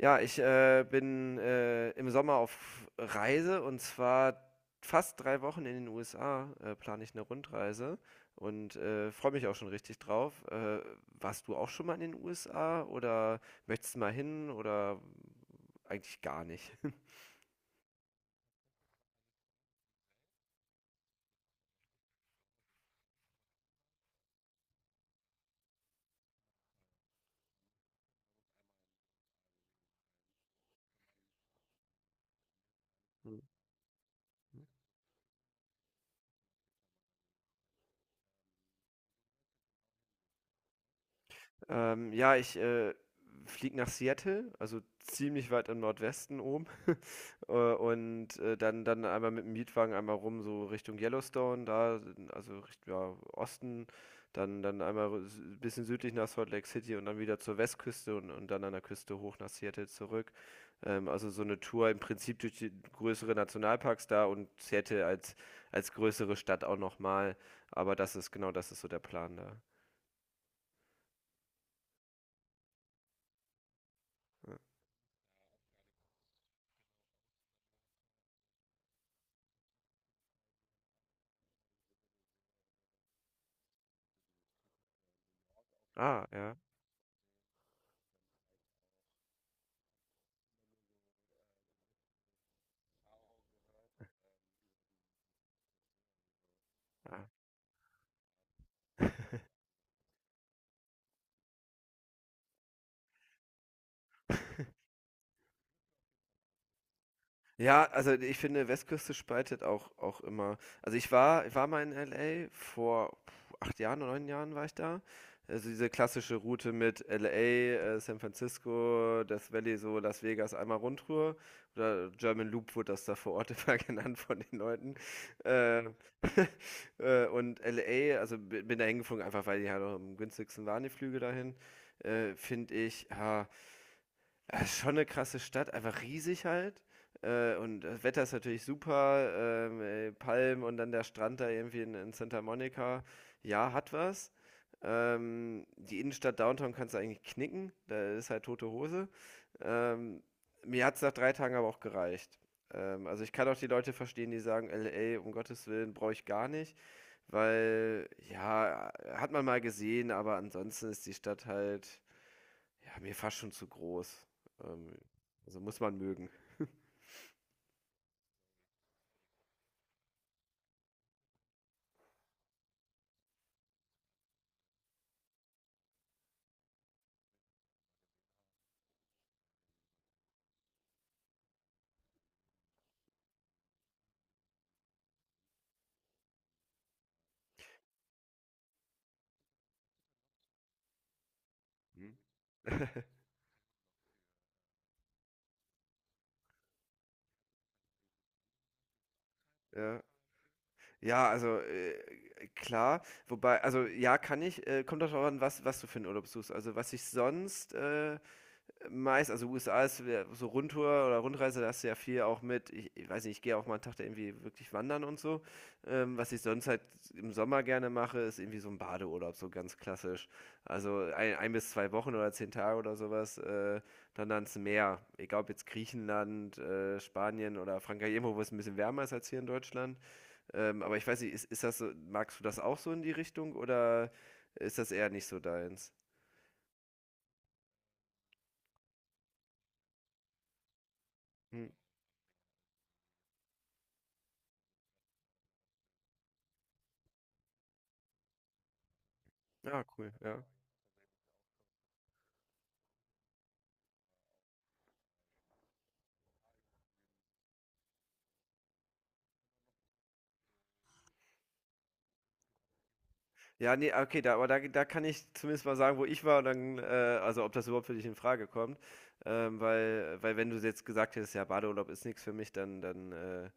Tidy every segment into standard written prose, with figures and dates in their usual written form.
Ja, ich, bin, im Sommer auf Reise und zwar fast 3 Wochen in den USA, plane ich eine Rundreise und, freue mich auch schon richtig drauf. Warst du auch schon mal in den USA oder möchtest mal hin oder eigentlich gar nicht? Mhm. Ja, ich, fliege nach Seattle, also ziemlich weit im Nordwesten oben. Und, dann einmal mit dem Mietwagen einmal rum, so Richtung Yellowstone, da also Richtung ja, Osten, dann einmal r s bisschen südlich nach Salt Lake City und dann wieder zur Westküste und dann an der Küste hoch nach Seattle zurück. Also so eine Tour im Prinzip durch die größere Nationalparks da und Seattle als größere Stadt auch noch mal. Aber das ist genau, das ist so der Plan da. Ja. Ah, ja. Ah. Ja, also ich finde, Westküste spaltet auch immer. Also ich war mal in LA vor puh, 8 Jahren oder 9 Jahren war ich da. Also diese klassische Route mit LA, San Francisco, Death Valley, so Las Vegas, einmal Rundtour. Oder German Loop wurde das da vor Ort immer genannt von den Leuten. Äh, und LA, also bin da hingeflogen, einfach weil die halt auch am günstigsten waren, die Flüge dahin. Finde ich, ja, ja, ist schon eine krasse Stadt, einfach riesig halt, und das Wetter ist natürlich super, Palmen und dann der Strand da irgendwie in Santa Monica. Ja, hat was. Die Innenstadt Downtown kannst du eigentlich knicken, da ist halt tote Hose. Ähm, Mir hat es nach 3 Tagen aber auch gereicht. Also, ich kann auch die Leute verstehen, die sagen: „LA, um Gottes Willen, brauche ich gar nicht", weil ja, hat man mal gesehen, aber ansonsten ist die Stadt halt ja, mir fast schon zu groß. Ähm, also muss man mögen. Mhm. Ja. Ja, also klar, wobei, also ja, kann ich, kommt doch darauf an, was du für einen Urlaub suchst. Also was ich sonst meist, also USA ist so Rundtour oder Rundreise, da hast du ja viel auch mit, ich weiß nicht, ich gehe auch mal einen Tag da irgendwie wirklich wandern und so. Was ich sonst halt im Sommer gerne mache, ist irgendwie so ein Badeurlaub, so ganz klassisch. Also ein bis zwei Wochen oder 10 Tage oder sowas, dann ans Meer. Egal ob jetzt Griechenland, Spanien oder Frankreich, irgendwo, wo es ein bisschen wärmer ist als hier in Deutschland. Aber ich weiß nicht, ist das so, magst du das auch so in die Richtung oder ist das eher nicht so deins? Hm. Ja, cool, ja. Ja, ne, okay, da aber da kann ich zumindest mal sagen, wo ich war und dann, also, ob das überhaupt für dich in Frage kommt. Weil wenn du jetzt gesagt hättest: „Ja, Badeurlaub ist nichts für mich", dann dann, äh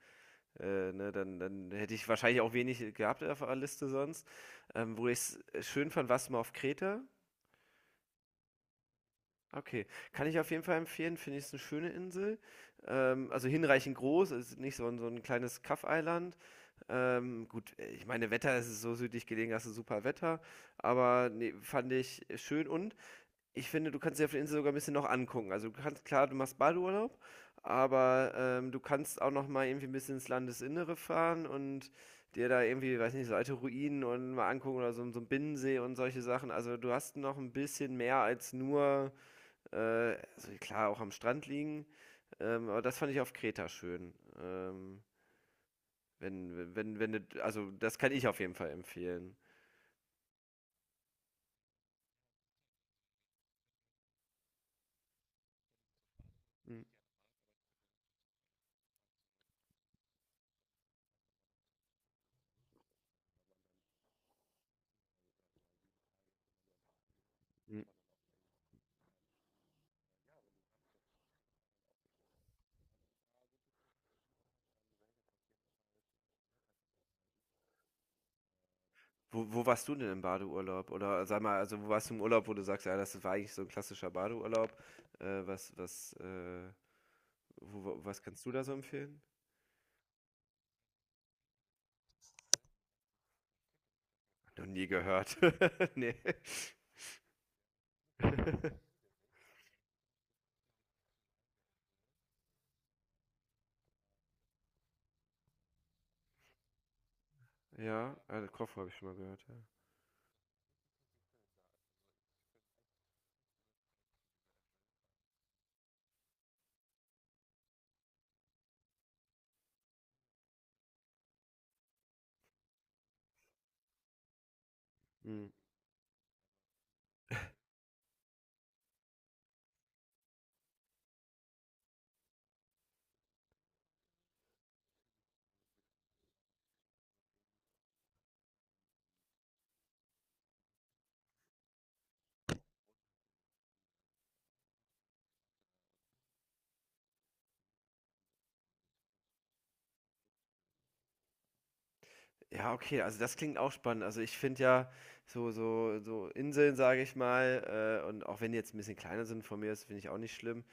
äh, ne, dann hätte ich wahrscheinlich auch wenig gehabt auf der Liste sonst. Wo ich's schön fand, warst du mal auf Kreta? Okay, kann ich auf jeden Fall empfehlen, finde ich, ist eine schöne Insel. Also hinreichend groß, ist nicht so ein so 'n kleines Kaff-Eiland. Gut, ich meine, Wetter es ist so südlich gelegen, hast du super Wetter, aber ne, fand ich schön und ich finde, du kannst dir auf der Insel sogar ein bisschen noch angucken. Also, du kannst klar, du machst Badeurlaub, aber, du kannst auch noch mal irgendwie ein bisschen ins Landesinnere fahren und dir da irgendwie, weiß nicht, so alte Ruinen und mal angucken oder so 'n Binnensee und solche Sachen. Also, du hast noch ein bisschen mehr als nur äh, also klar, auch am Strand liegen. Aber das fand ich auf Kreta schön. Wenn, wenn, wenn, du- also das kann ich auf jeden Fall empfehlen. Mhm. Mhm. Wo warst du denn im Badeurlaub? Oder sag mal, also wo warst du im Urlaub, wo du sagst, ja, das war eigentlich so ein klassischer Badeurlaub. Äh, was, was, äh, Was kannst du da so empfehlen? Noch nie gehört. Nee. Ja, also Koffer habe ich schon mal gehört, ja. Mm. Ja, okay, also das klingt auch spannend. Also ich finde ja so Inseln, sage ich mal, und auch wenn die jetzt ein bisschen kleiner sind von mir, das finde ich auch nicht schlimm.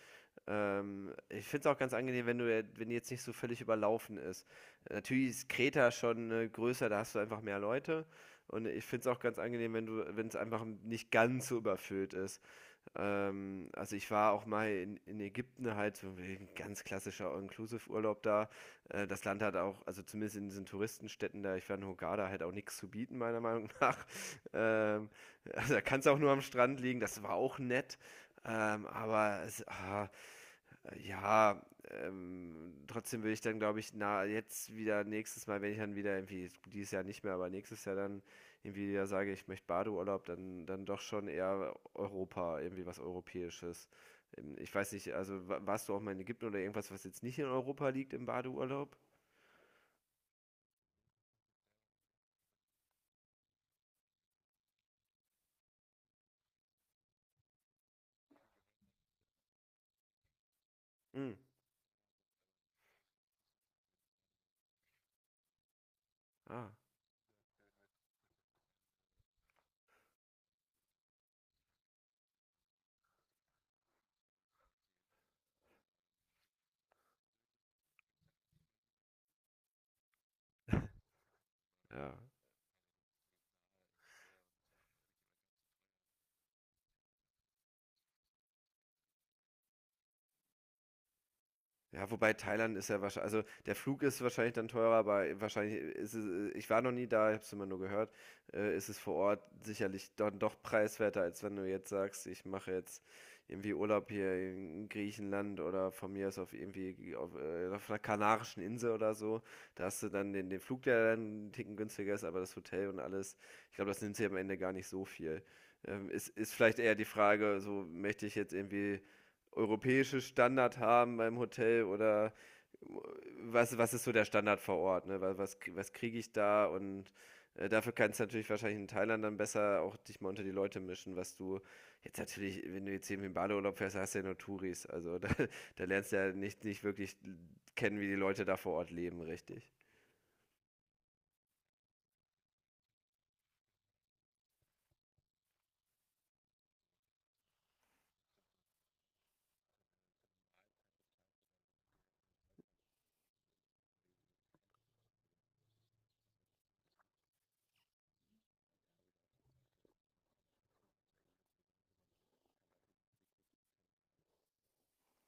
Ich finde es auch ganz angenehm, wenn du, ja- wenn die jetzt nicht so völlig überlaufen ist. Natürlich ist Kreta schon größer, da hast du einfach mehr Leute. Und ich finde es auch ganz angenehm, wenn es einfach nicht ganz so überfüllt ist. Also ich war auch mal in Ägypten halt so ein ganz klassischer All-Inclusive-Urlaub da. Das Land hat auch, also zumindest in diesen Touristenstädten da, ich war in Hurghada, halt auch nichts zu bieten, meiner Meinung nach. Ähm, also da kann es auch nur am Strand liegen, das war auch nett. Ähm, aber es, ah, äh, Ja, Trotzdem will ich dann, glaube ich, na, jetzt wieder nächstes Mal, wenn ich dann wieder irgendwie, dieses Jahr nicht mehr, aber nächstes Jahr dann irgendwie wieder sage, ich möchte Badeurlaub, dann doch schon eher Europa, irgendwie was Europäisches. Ich weiß nicht, also warst du auch mal in Ägypten oder irgendwas, was jetzt nicht in Europa liegt im Badeurlaub? Hm. Ah, ja. Ja, wobei Thailand ist ja wahrscheinlich, also der Flug ist wahrscheinlich dann teurer, aber wahrscheinlich ist es, ich war noch nie da, ich habe es immer nur gehört, ist es vor Ort sicherlich dann doch preiswerter, als wenn du jetzt sagst, ich mache jetzt irgendwie Urlaub hier in Griechenland oder von mir aus auf irgendwie auf einer kanarischen Insel oder so. Da hast du dann den Flug, der dann einen Ticken günstiger ist, aber das Hotel und alles, ich glaube, das nimmt sich am Ende gar nicht so viel. Ist vielleicht eher die Frage, so möchte ich jetzt irgendwie europäische Standard haben beim Hotel oder was ist so der Standard vor Ort? Ne? Was kriege ich da? Und dafür kannst du natürlich wahrscheinlich in Thailand dann besser auch dich mal unter die Leute mischen, was du jetzt natürlich, wenn du jetzt eben im Badeurlaub fährst, hast du ja nur Touris. Also da lernst du ja nicht wirklich kennen, wie die Leute da vor Ort leben, richtig.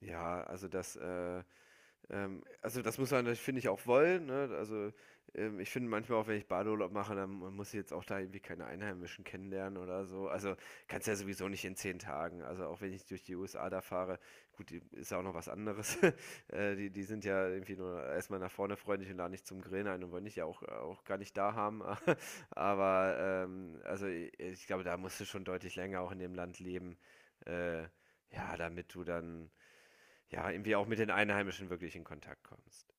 Ja, also das muss man, finde ich, auch wollen. Ne? Also ich finde manchmal auch, wenn ich Badeurlaub mache, dann muss ich jetzt auch da irgendwie keine Einheimischen kennenlernen oder so. Also kannst ja sowieso nicht in 10 Tagen. Also auch wenn ich durch die USA da fahre, gut, ist ja auch noch was anderes. Die sind ja irgendwie nur erstmal nach vorne freundlich und laden nicht zum Grillen ein und wollen dich ja auch gar nicht da haben. Aber also ich glaube, da musst du schon deutlich länger auch in dem Land leben. Äh, ja, damit du dann ja, irgendwie auch mit den Einheimischen wirklich in Kontakt kommst.